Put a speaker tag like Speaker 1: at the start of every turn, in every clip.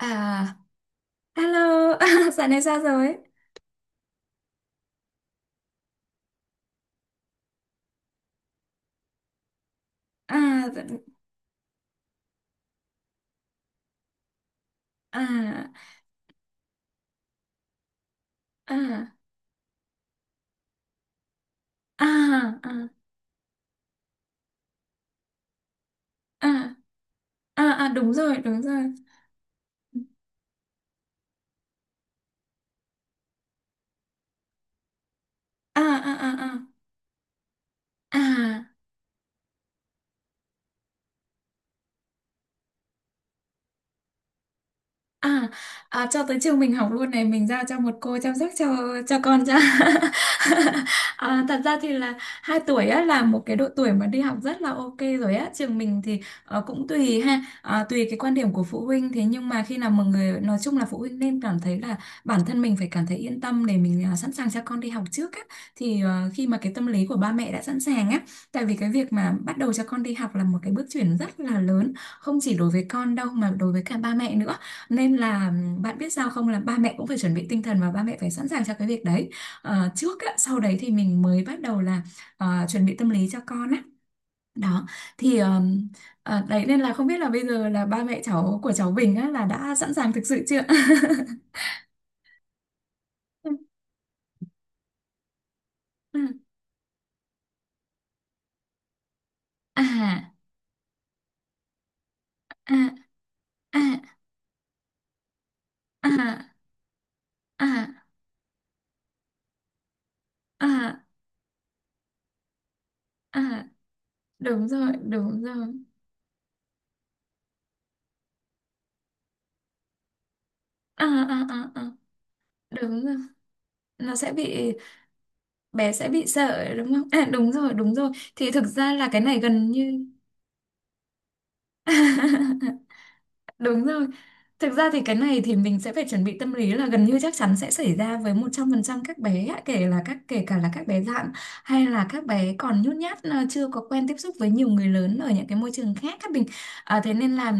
Speaker 1: À, hello, à, dạo này sao rồi? À, à, à, à, à, à, à, à, đúng rồi, đúng rồi. À, à, à, à, à. À, à, cho tới trường mình học luôn này, mình giao cho một cô chăm sóc cho con à, thật ra thì là hai tuổi á là một cái độ tuổi mà đi học rất là ok rồi á. Trường mình thì cũng tùy ha, tùy cái quan điểm của phụ huynh. Thế nhưng mà khi nào mọi người nói chung là phụ huynh nên cảm thấy là bản thân mình phải cảm thấy yên tâm để mình, à, sẵn sàng cho con đi học trước á, thì khi mà cái tâm lý của ba mẹ đã sẵn sàng á. Tại vì cái việc mà bắt đầu cho con đi học là một cái bước chuyển rất là lớn, không chỉ đối với con đâu mà đối với cả ba mẹ nữa, nên là bạn biết sao không, là ba mẹ cũng phải chuẩn bị tinh thần và ba mẹ phải sẵn sàng cho cái việc đấy. Trước á, sau đấy thì mình mới bắt đầu là chuẩn bị tâm lý cho con á. Đó. Thì đấy, nên là không biết là bây giờ là ba mẹ cháu của cháu Bình á là đã sẵn sàng thực sự chưa? Ừ, ừ. À, à, à, à, à, à, à, đúng rồi, đúng rồi. À, à, à, à, đúng rồi. Nó sẽ bị, bé sẽ bị sợ đúng không? À, đúng rồi, đúng rồi. Thì thực ra là cái này gần như đúng rồi. Thực ra thì cái này thì mình sẽ phải chuẩn bị tâm lý là gần như chắc chắn sẽ xảy ra với 100% các bé ạ, kể cả là các bé dạn hay là các bé còn nhút nhát, à, chưa có quen tiếp xúc với nhiều người lớn ở những cái môi trường khác các mình. À, thế nên là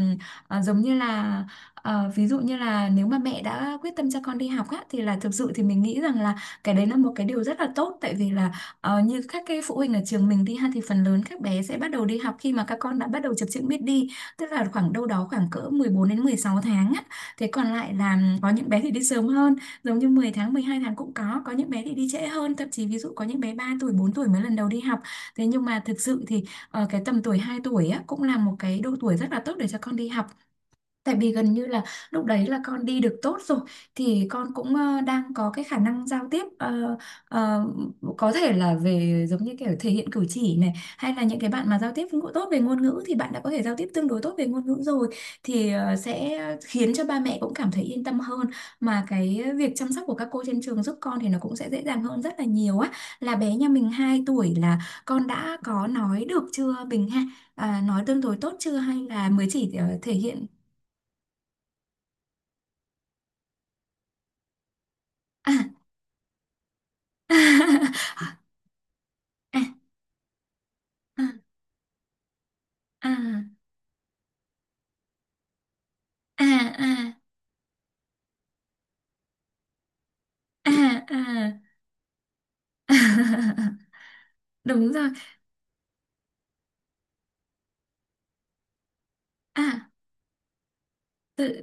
Speaker 1: à, giống như là à, ví dụ như là nếu mà mẹ đã quyết tâm cho con đi học á, thì là thực sự thì mình nghĩ rằng là cái đấy là một cái điều rất là tốt. Tại vì là, như các cái phụ huynh ở trường mình đi ha, thì phần lớn các bé sẽ bắt đầu đi học khi mà các con đã bắt đầu chập chững biết đi, tức là khoảng đâu đó khoảng cỡ 14 đến 16 tháng á. Thế còn lại là có những bé thì đi sớm hơn, giống như 10 tháng, 12 tháng cũng có. Có những bé thì đi trễ hơn, thậm chí ví dụ có những bé 3 tuổi, 4 tuổi mới lần đầu đi học. Thế nhưng mà thực sự thì cái tầm tuổi 2 tuổi á cũng là một cái độ tuổi rất là tốt để cho con đi học. Tại vì gần như là lúc đấy là con đi được tốt rồi, thì con cũng đang có cái khả năng giao tiếp, ờ, có thể là về giống như kiểu thể hiện cử chỉ này, hay là những cái bạn mà giao tiếp tốt về ngôn ngữ thì bạn đã có thể giao tiếp tương đối tốt về ngôn ngữ rồi, thì sẽ khiến cho ba mẹ cũng cảm thấy yên tâm hơn, mà cái việc chăm sóc của các cô trên trường giúp con thì nó cũng sẽ dễ dàng hơn rất là nhiều á. Là bé nhà mình 2 tuổi là con đã có nói được chưa Bình ha? À, nói tương đối tốt chưa hay là mới chỉ thể hiện? À, à, à, à, à, à, à, à. Đúng rồi. À, tự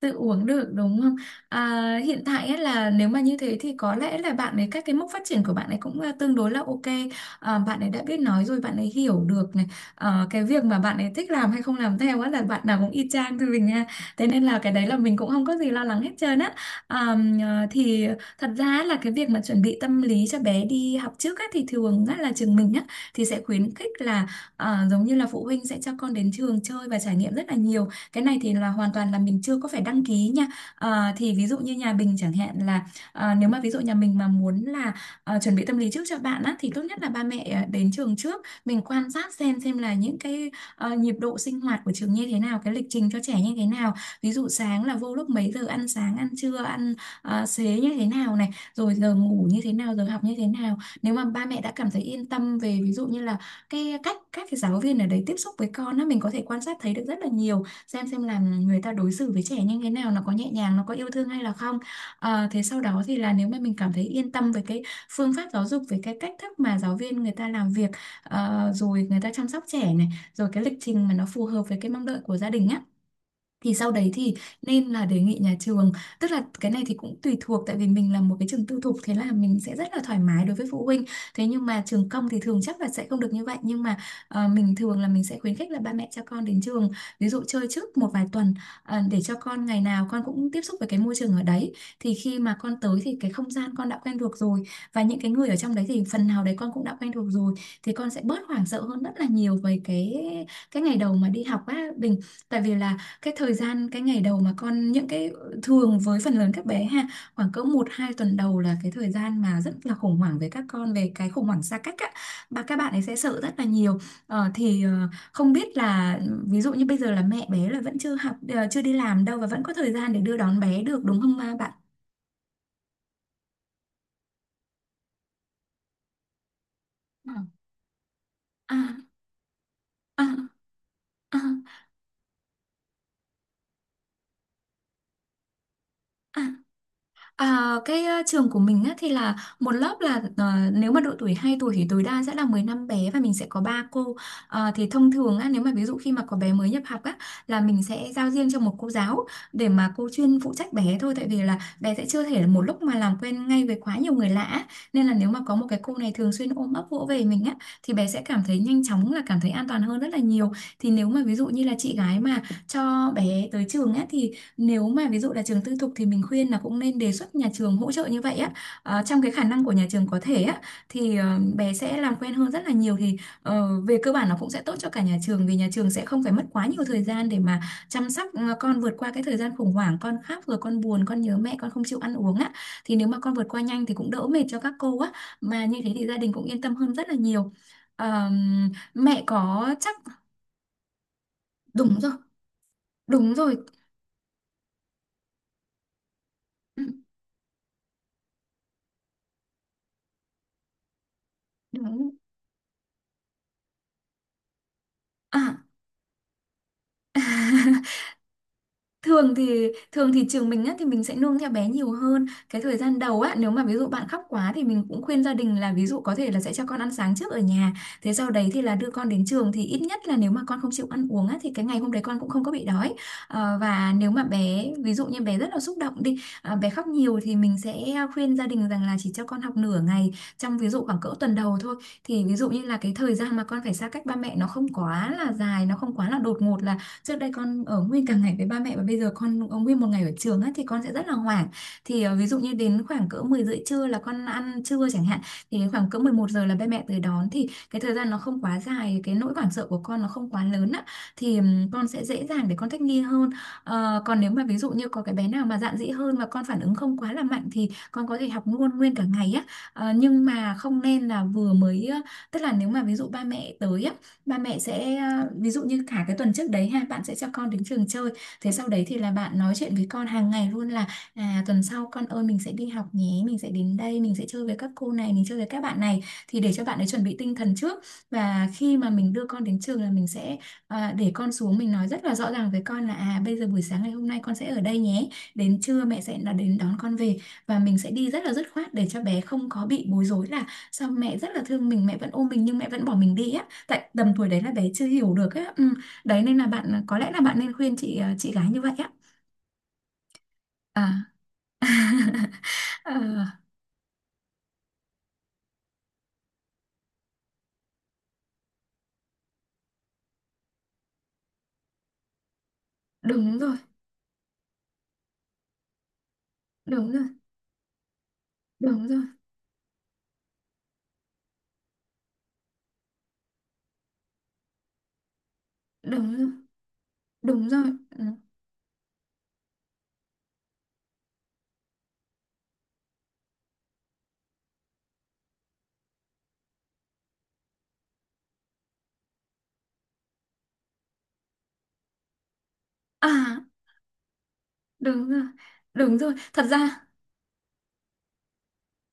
Speaker 1: tự uống được đúng không? À, hiện tại ấy là nếu mà như thế thì có lẽ là bạn ấy các cái mốc phát triển của bạn ấy cũng, à, tương đối là ok. À, bạn ấy đã biết nói rồi, bạn ấy hiểu được này. Ờ, cái việc mà bạn ấy thích làm hay không làm theo á là bạn nào cũng y chang thôi mình nha. Thế nên là cái đấy là mình cũng không có gì lo lắng hết trơn á. À, à, thì thật ra là cái việc mà chuẩn bị tâm lý cho bé đi học trước á thì thường á là trường mình á, thì sẽ khuyến khích là à, giống như là phụ huynh sẽ cho con đến trường chơi và trải nghiệm rất là nhiều. Cái này thì là hoàn toàn là mình chưa có phải đăng ký nha. Ờ, thì ví dụ như nhà mình chẳng hạn là nếu mà ví dụ nhà mình mà muốn là chuẩn bị tâm lý trước cho bạn á, thì tốt nhất là ba mẹ đến trường trước, mình quan sát xem là những cái nhịp độ sinh hoạt của trường như thế nào, cái lịch trình cho trẻ như thế nào, ví dụ sáng là vô lúc mấy giờ, ăn sáng, ăn trưa, ăn xế như thế nào này, rồi giờ ngủ như thế nào, giờ học như thế nào. Nếu mà ba mẹ đã cảm thấy yên tâm về ví dụ như là cái cách các cái giáo viên ở đấy tiếp xúc với con á, mình có thể quan sát thấy được rất là nhiều, xem là người ta đối xử với trẻ như thế nào, nó có nhẹ nhàng, nó có yêu thương hay là không. Ờ, thế sau đó thì là nếu mà mình cảm thấy yên tâm về cái phương pháp giáo dục, về cái cách thức mà giáo viên người ta làm việc, rồi người ta chăm sóc trẻ này, rồi cái lịch trình mà nó phù hợp với cái mong đợi của gia đình á, thì sau đấy thì nên là đề nghị nhà trường. Tức là cái này thì cũng tùy thuộc, tại vì mình là một cái trường tư thục thế là mình sẽ rất là thoải mái đối với phụ huynh. Thế nhưng mà trường công thì thường chắc là sẽ không được như vậy, nhưng mà mình thường là mình sẽ khuyến khích là ba mẹ cho con đến trường ví dụ chơi trước một vài tuần, để cho con ngày nào con cũng tiếp xúc với cái môi trường ở đấy, thì khi mà con tới thì cái không gian con đã quen thuộc rồi, và những cái người ở trong đấy thì phần nào đấy con cũng đã quen thuộc rồi, thì con sẽ bớt hoảng sợ hơn rất là nhiều về cái ngày đầu mà đi học á Bình. Tại vì là cái thời gian cái ngày đầu mà con, những cái thường với phần lớn các bé ha, khoảng cỡ một hai tuần đầu là cái thời gian mà rất là khủng hoảng với các con về cái khủng hoảng xa cách á, và các bạn ấy sẽ sợ rất là nhiều. Thì không biết là ví dụ như bây giờ là mẹ bé là vẫn chưa học chưa đi làm đâu và vẫn có thời gian để đưa đón bé được đúng không ba bạn? Ừ. à à, à, à. À, cái trường của mình á, thì là một lớp là, nếu mà độ tuổi 2 tuổi thì tối đa sẽ là 15 bé và mình sẽ có 3 cô. Ờ, thì thông thường á, nếu mà ví dụ khi mà có bé mới nhập học á, là mình sẽ giao riêng cho một cô giáo để mà cô chuyên phụ trách bé thôi. Tại vì là bé sẽ chưa thể là một lúc mà làm quen ngay với quá nhiều người lạ á. Nên là nếu mà có một cái cô này thường xuyên ôm ấp vỗ về mình á, thì bé sẽ cảm thấy nhanh chóng là cảm thấy an toàn hơn rất là nhiều. Thì nếu mà ví dụ như là chị gái mà cho bé tới trường á, thì nếu mà ví dụ là trường tư thục thì mình khuyên là cũng nên đề xuất nhà trường hỗ trợ như vậy á. Trong cái khả năng của nhà trường có thể á thì bé sẽ làm quen hơn rất là nhiều, thì về cơ bản nó cũng sẽ tốt cho cả nhà trường vì nhà trường sẽ không phải mất quá nhiều thời gian để mà chăm sóc con vượt qua cái thời gian khủng hoảng, con khóc rồi con buồn, con nhớ mẹ, con không chịu ăn uống á, thì nếu mà con vượt qua nhanh thì cũng đỡ mệt cho các cô á, mà như thế thì gia đình cũng yên tâm hơn rất là nhiều. Ờ, Mẹ có chắc đúng rồi. Đúng rồi. Ừ, đúng. À. Thường thì trường mình á thì mình sẽ nương theo bé nhiều hơn cái thời gian đầu á, nếu mà ví dụ bạn khóc quá thì mình cũng khuyên gia đình là ví dụ có thể là sẽ cho con ăn sáng trước ở nhà, thế sau đấy thì là đưa con đến trường, thì ít nhất là nếu mà con không chịu ăn uống á thì cái ngày hôm đấy con cũng không có bị đói. Và nếu mà bé, ví dụ như bé rất là xúc động đi à, bé khóc nhiều thì mình sẽ khuyên gia đình rằng là chỉ cho con học nửa ngày, trong ví dụ khoảng cỡ tuần đầu thôi, thì ví dụ như là cái thời gian mà con phải xa cách ba mẹ nó không quá là dài, nó không quá là đột ngột, là trước đây con ở nguyên cả ngày với ba mẹ và bây giờ con ở nguyên một ngày ở trường á thì con sẽ rất là hoảng. Thì ví dụ như đến khoảng cỡ 10 rưỡi trưa là con ăn trưa chẳng hạn, thì đến khoảng cỡ 11 giờ là ba mẹ tới đón, thì cái thời gian nó không quá dài, cái nỗi hoảng sợ của con nó không quá lớn á, thì con sẽ dễ dàng để con thích nghi hơn. Còn nếu mà ví dụ như có cái bé nào mà dạn dĩ hơn và con phản ứng không quá là mạnh thì con có thể học luôn nguyên cả ngày á. Nhưng mà không nên là vừa mới tức là nếu mà ví dụ ba mẹ tới á, ba mẹ sẽ à, ví dụ như cả cái tuần trước đấy ha, bạn sẽ cho con đến trường chơi, thế sau đấy thì là bạn nói chuyện với con hàng ngày luôn là à tuần sau con ơi, mình sẽ đi học nhé, mình sẽ đến đây, mình sẽ chơi với các cô này, mình chơi với các bạn này, thì để cho bạn ấy chuẩn bị tinh thần trước. Và khi mà mình đưa con đến trường là mình sẽ à, để con xuống, mình nói rất là rõ ràng với con là à bây giờ buổi sáng ngày hôm nay con sẽ ở đây nhé, đến trưa mẹ sẽ là đến đón con về, và mình sẽ đi rất là dứt khoát để cho bé không có bị bối rối là sao mẹ rất là thương mình, mẹ vẫn ôm mình nhưng mẹ vẫn bỏ mình đi á. Tại tầm tuổi đấy là bé chưa hiểu được á, ừ. Đấy nên là bạn có lẽ là bạn nên khuyên chị chị gái như vậy á. À. Ờ, đúng rồi. Đúng rồi. Đúng rồi. Đúng rồi. Đúng rồi. Ừ. À, đúng rồi, đúng rồi thật ra.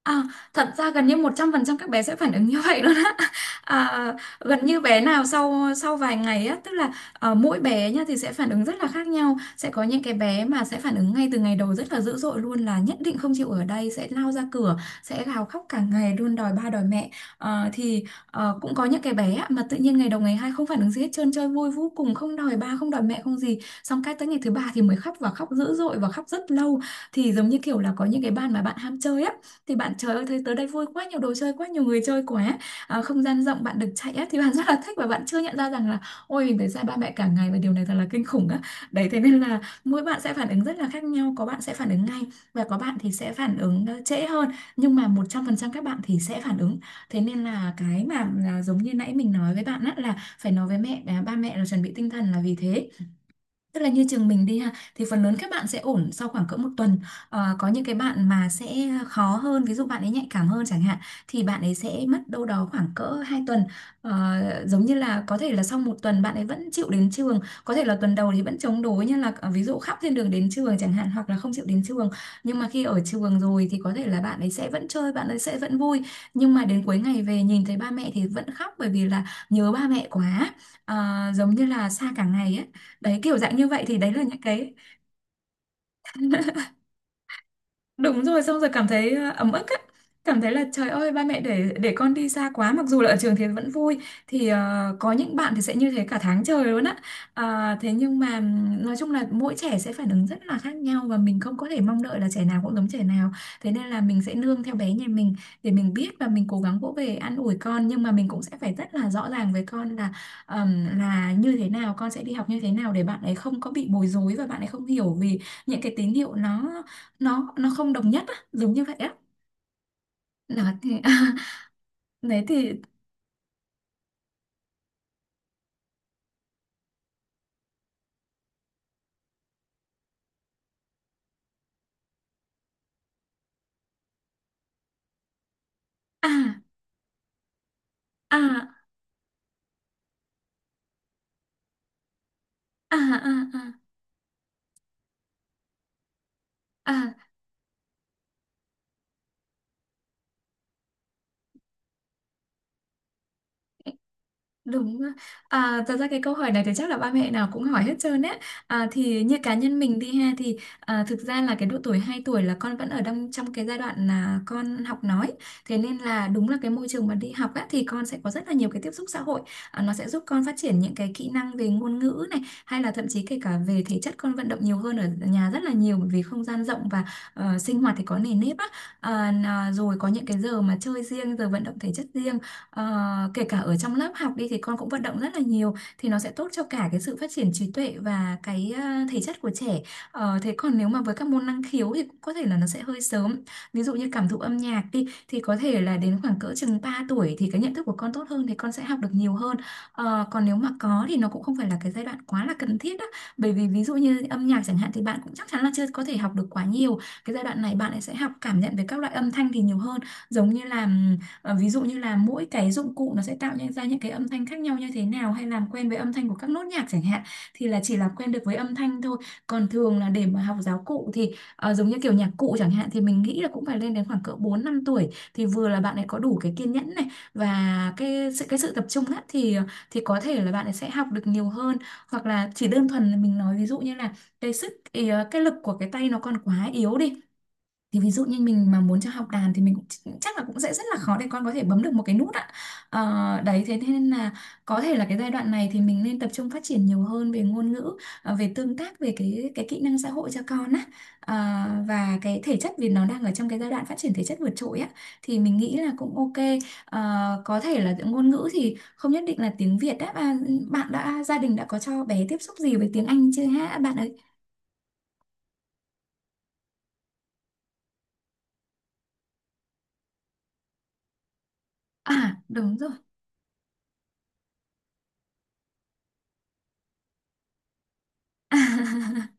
Speaker 1: À, thật ra gần như 100% các bé sẽ phản ứng như vậy luôn á. À, gần như bé nào sau sau vài ngày á, tức là mỗi bé nha thì sẽ phản ứng rất là khác nhau. Sẽ có những cái bé mà sẽ phản ứng ngay từ ngày đầu rất là dữ dội luôn, là nhất định không chịu ở đây, sẽ lao ra cửa, sẽ gào khóc cả ngày luôn đòi ba đòi mẹ. Ờ, thì Cũng có những cái bé á mà tự nhiên ngày đầu ngày hai không phản ứng gì hết trơn, chơi vui vô cùng, không đòi ba, không đòi mẹ, không gì. Xong cái tới ngày thứ ba thì mới khóc, và khóc dữ dội, và khóc rất lâu. Thì giống như kiểu là có những cái bạn mà bạn ham chơi á, thì bạn trời ơi thấy tới đây vui quá, nhiều đồ chơi quá, nhiều người chơi quá, à, không gian rộng bạn được chạy á thì bạn rất là thích, và bạn chưa nhận ra rằng là ôi mình phải xa ba mẹ cả ngày và điều này thật là kinh khủng á. Đấy thế nên là mỗi bạn sẽ phản ứng rất là khác nhau, có bạn sẽ phản ứng ngay và có bạn thì sẽ phản ứng trễ hơn, nhưng mà 100% các bạn thì sẽ phản ứng. Thế nên là cái mà là giống như nãy mình nói với bạn á là phải nói với mẹ à, ba mẹ là chuẩn bị tinh thần là vì thế. Tức là như trường mình đi ha thì phần lớn các bạn sẽ ổn sau khoảng cỡ một tuần. Có những cái bạn mà sẽ khó hơn, ví dụ bạn ấy nhạy cảm hơn chẳng hạn, thì bạn ấy sẽ mất đâu đó khoảng cỡ 2 tuần. Ờ, Giống như là có thể là sau một tuần bạn ấy vẫn chịu đến trường, có thể là tuần đầu thì vẫn chống đối, như là ví dụ khóc trên đường đến trường chẳng hạn, hoặc là không chịu đến trường, nhưng mà khi ở trường rồi thì có thể là bạn ấy sẽ vẫn chơi, bạn ấy sẽ vẫn vui, nhưng mà đến cuối ngày về nhìn thấy ba mẹ thì vẫn khóc, bởi vì là nhớ ba mẹ quá. Ờ, Giống như là xa cả ngày ấy. Đấy kiểu dạng như vậy thì đấy là những cái đúng rồi, xong rồi cảm thấy ấm ức á. Cảm thấy là trời ơi ba mẹ để con đi xa quá, mặc dù là ở trường thì vẫn vui. Thì có những bạn thì sẽ như thế cả tháng trời luôn á. Thế nhưng mà nói chung là mỗi trẻ sẽ phản ứng rất là khác nhau và mình không có thể mong đợi là trẻ nào cũng giống trẻ nào, thế nên là mình sẽ nương theo bé nhà mình để mình biết, và mình cố gắng vỗ về an ủi con, nhưng mà mình cũng sẽ phải rất là rõ ràng với con là như thế nào, con sẽ đi học như thế nào, để bạn ấy không có bị bối rối và bạn ấy không hiểu vì những cái tín hiệu nó nó không đồng nhất á giống như vậy á, nó thì đấy thì. À. À. À. À. À. À. Đúng ạ. À, thật ra cái câu hỏi này thì chắc là ba mẹ nào cũng hỏi hết trơn ấy. À, thì như cá nhân mình đi ha thì à, thực ra là cái độ tuổi 2 tuổi là con vẫn ở trong trong cái giai đoạn là con học nói. Thế nên là đúng là cái môi trường mà đi học á, thì con sẽ có rất là nhiều cái tiếp xúc xã hội. À, nó sẽ giúp con phát triển những cái kỹ năng về ngôn ngữ này, hay là thậm chí kể cả về thể chất, con vận động nhiều hơn ở nhà rất là nhiều, bởi vì không gian rộng và sinh hoạt thì có nề nếp á. À, rồi có những cái giờ mà chơi riêng, giờ vận động thể chất riêng. Ờ, Kể cả ở trong lớp học đi thì con cũng vận động rất là nhiều, thì nó sẽ tốt cho cả cái sự phát triển trí tuệ và cái thể chất của trẻ. Thế còn nếu mà với các môn năng khiếu thì cũng có thể là nó sẽ hơi sớm, ví dụ như cảm thụ âm nhạc đi thì có thể là đến khoảng cỡ chừng 3 tuổi thì cái nhận thức của con tốt hơn, thì con sẽ học được nhiều hơn. Còn nếu mà có thì nó cũng không phải là cái giai đoạn quá là cần thiết á, bởi vì ví dụ như âm nhạc chẳng hạn thì bạn cũng chắc chắn là chưa có thể học được quá nhiều, cái giai đoạn này bạn ấy sẽ học cảm nhận về các loại âm thanh thì nhiều hơn, giống như là ví dụ như là mỗi cái dụng cụ nó sẽ tạo nên ra những cái âm thanh khác nhau như thế nào, hay làm quen với âm thanh của các nốt nhạc chẳng hạn, thì là chỉ làm quen được với âm thanh thôi. Còn thường là để mà học giáo cụ thì giống như kiểu nhạc cụ chẳng hạn, thì mình nghĩ là cũng phải lên đến khoảng cỡ 4 5 tuổi, thì vừa là bạn ấy có đủ cái kiên nhẫn này và cái sự tập trung á thì có thể là bạn ấy sẽ học được nhiều hơn, hoặc là chỉ đơn thuần là mình nói ví dụ như là cái sức ý, cái lực của cái tay nó còn quá yếu đi, thì ví dụ như mình mà muốn cho học đàn thì mình cũng chắc là cũng sẽ rất là khó để con có thể bấm được một cái nút ạ. Đấy thế nên là có thể là cái giai đoạn này thì mình nên tập trung phát triển nhiều hơn về ngôn ngữ, về tương tác, về cái kỹ năng xã hội cho con á. Ờ, và cái thể chất, vì nó đang ở trong cái giai đoạn phát triển thể chất vượt trội á, thì mình nghĩ là cũng ok. Ờ, có thể là ngôn ngữ thì không nhất định là tiếng Việt á, à, bạn đã gia đình đã có cho bé tiếp xúc gì với tiếng Anh chưa hả bạn ấy? À, đúng rồi.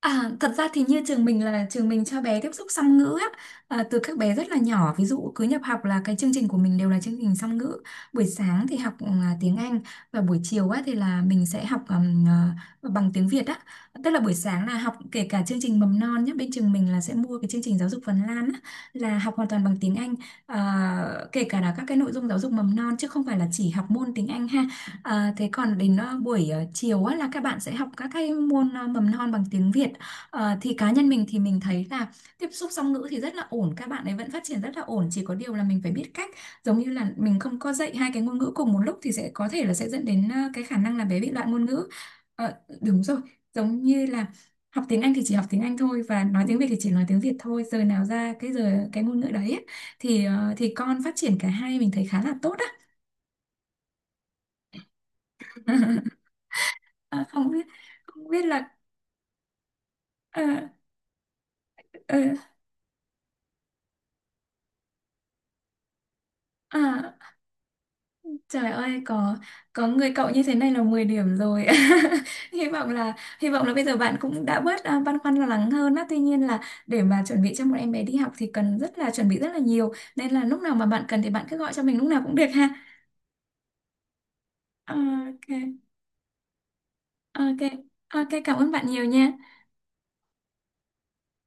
Speaker 1: À, thật ra thì như trường mình cho bé tiếp xúc song ngữ á, à, từ các bé rất là nhỏ, ví dụ cứ nhập học là cái chương trình của mình đều là chương trình song ngữ. Buổi sáng thì học à, tiếng Anh, và buổi chiều á thì là mình sẽ học bằng tiếng Việt á. Tức là buổi sáng là học kể cả chương trình mầm non nhé, bên trường mình là sẽ mua cái chương trình giáo dục Phần Lan á, là học hoàn toàn bằng tiếng Anh. À, kể cả là các cái nội dung giáo dục mầm non chứ không phải là chỉ học môn tiếng Anh ha. À, thế còn đến buổi chiều á, là các bạn sẽ học các cái môn mầm non bằng tiếng Việt. Thì cá nhân mình thì mình thấy là tiếp xúc song ngữ thì rất là ổn, các bạn ấy vẫn phát triển rất là ổn, chỉ có điều là mình phải biết cách. Giống như là mình không có dạy hai cái ngôn ngữ cùng một lúc thì sẽ có thể là sẽ dẫn đến cái khả năng là bé bị loạn ngôn ngữ. Ờ, đúng rồi. Giống như là học tiếng Anh thì chỉ học tiếng Anh thôi, và nói tiếng Việt thì chỉ nói tiếng Việt thôi, giờ nào ra cái giờ cái ngôn ngữ đấy ấy, thì thì con phát triển cả hai mình thấy khá là tốt á. Ờ, không biết không biết là ờ, ờ, ờ, Trời ơi có người cậu như thế này là 10 điểm rồi. Hy vọng là hy vọng là bây giờ bạn cũng đã bớt à, băn khoăn lo lắng hơn á. Tuy nhiên là để mà chuẩn bị cho một em bé đi học thì cần rất là chuẩn bị rất là nhiều. Nên là lúc nào mà bạn cần thì bạn cứ gọi cho mình lúc nào cũng được ha. Ok. Ok. Ok, cảm ơn bạn nhiều nha.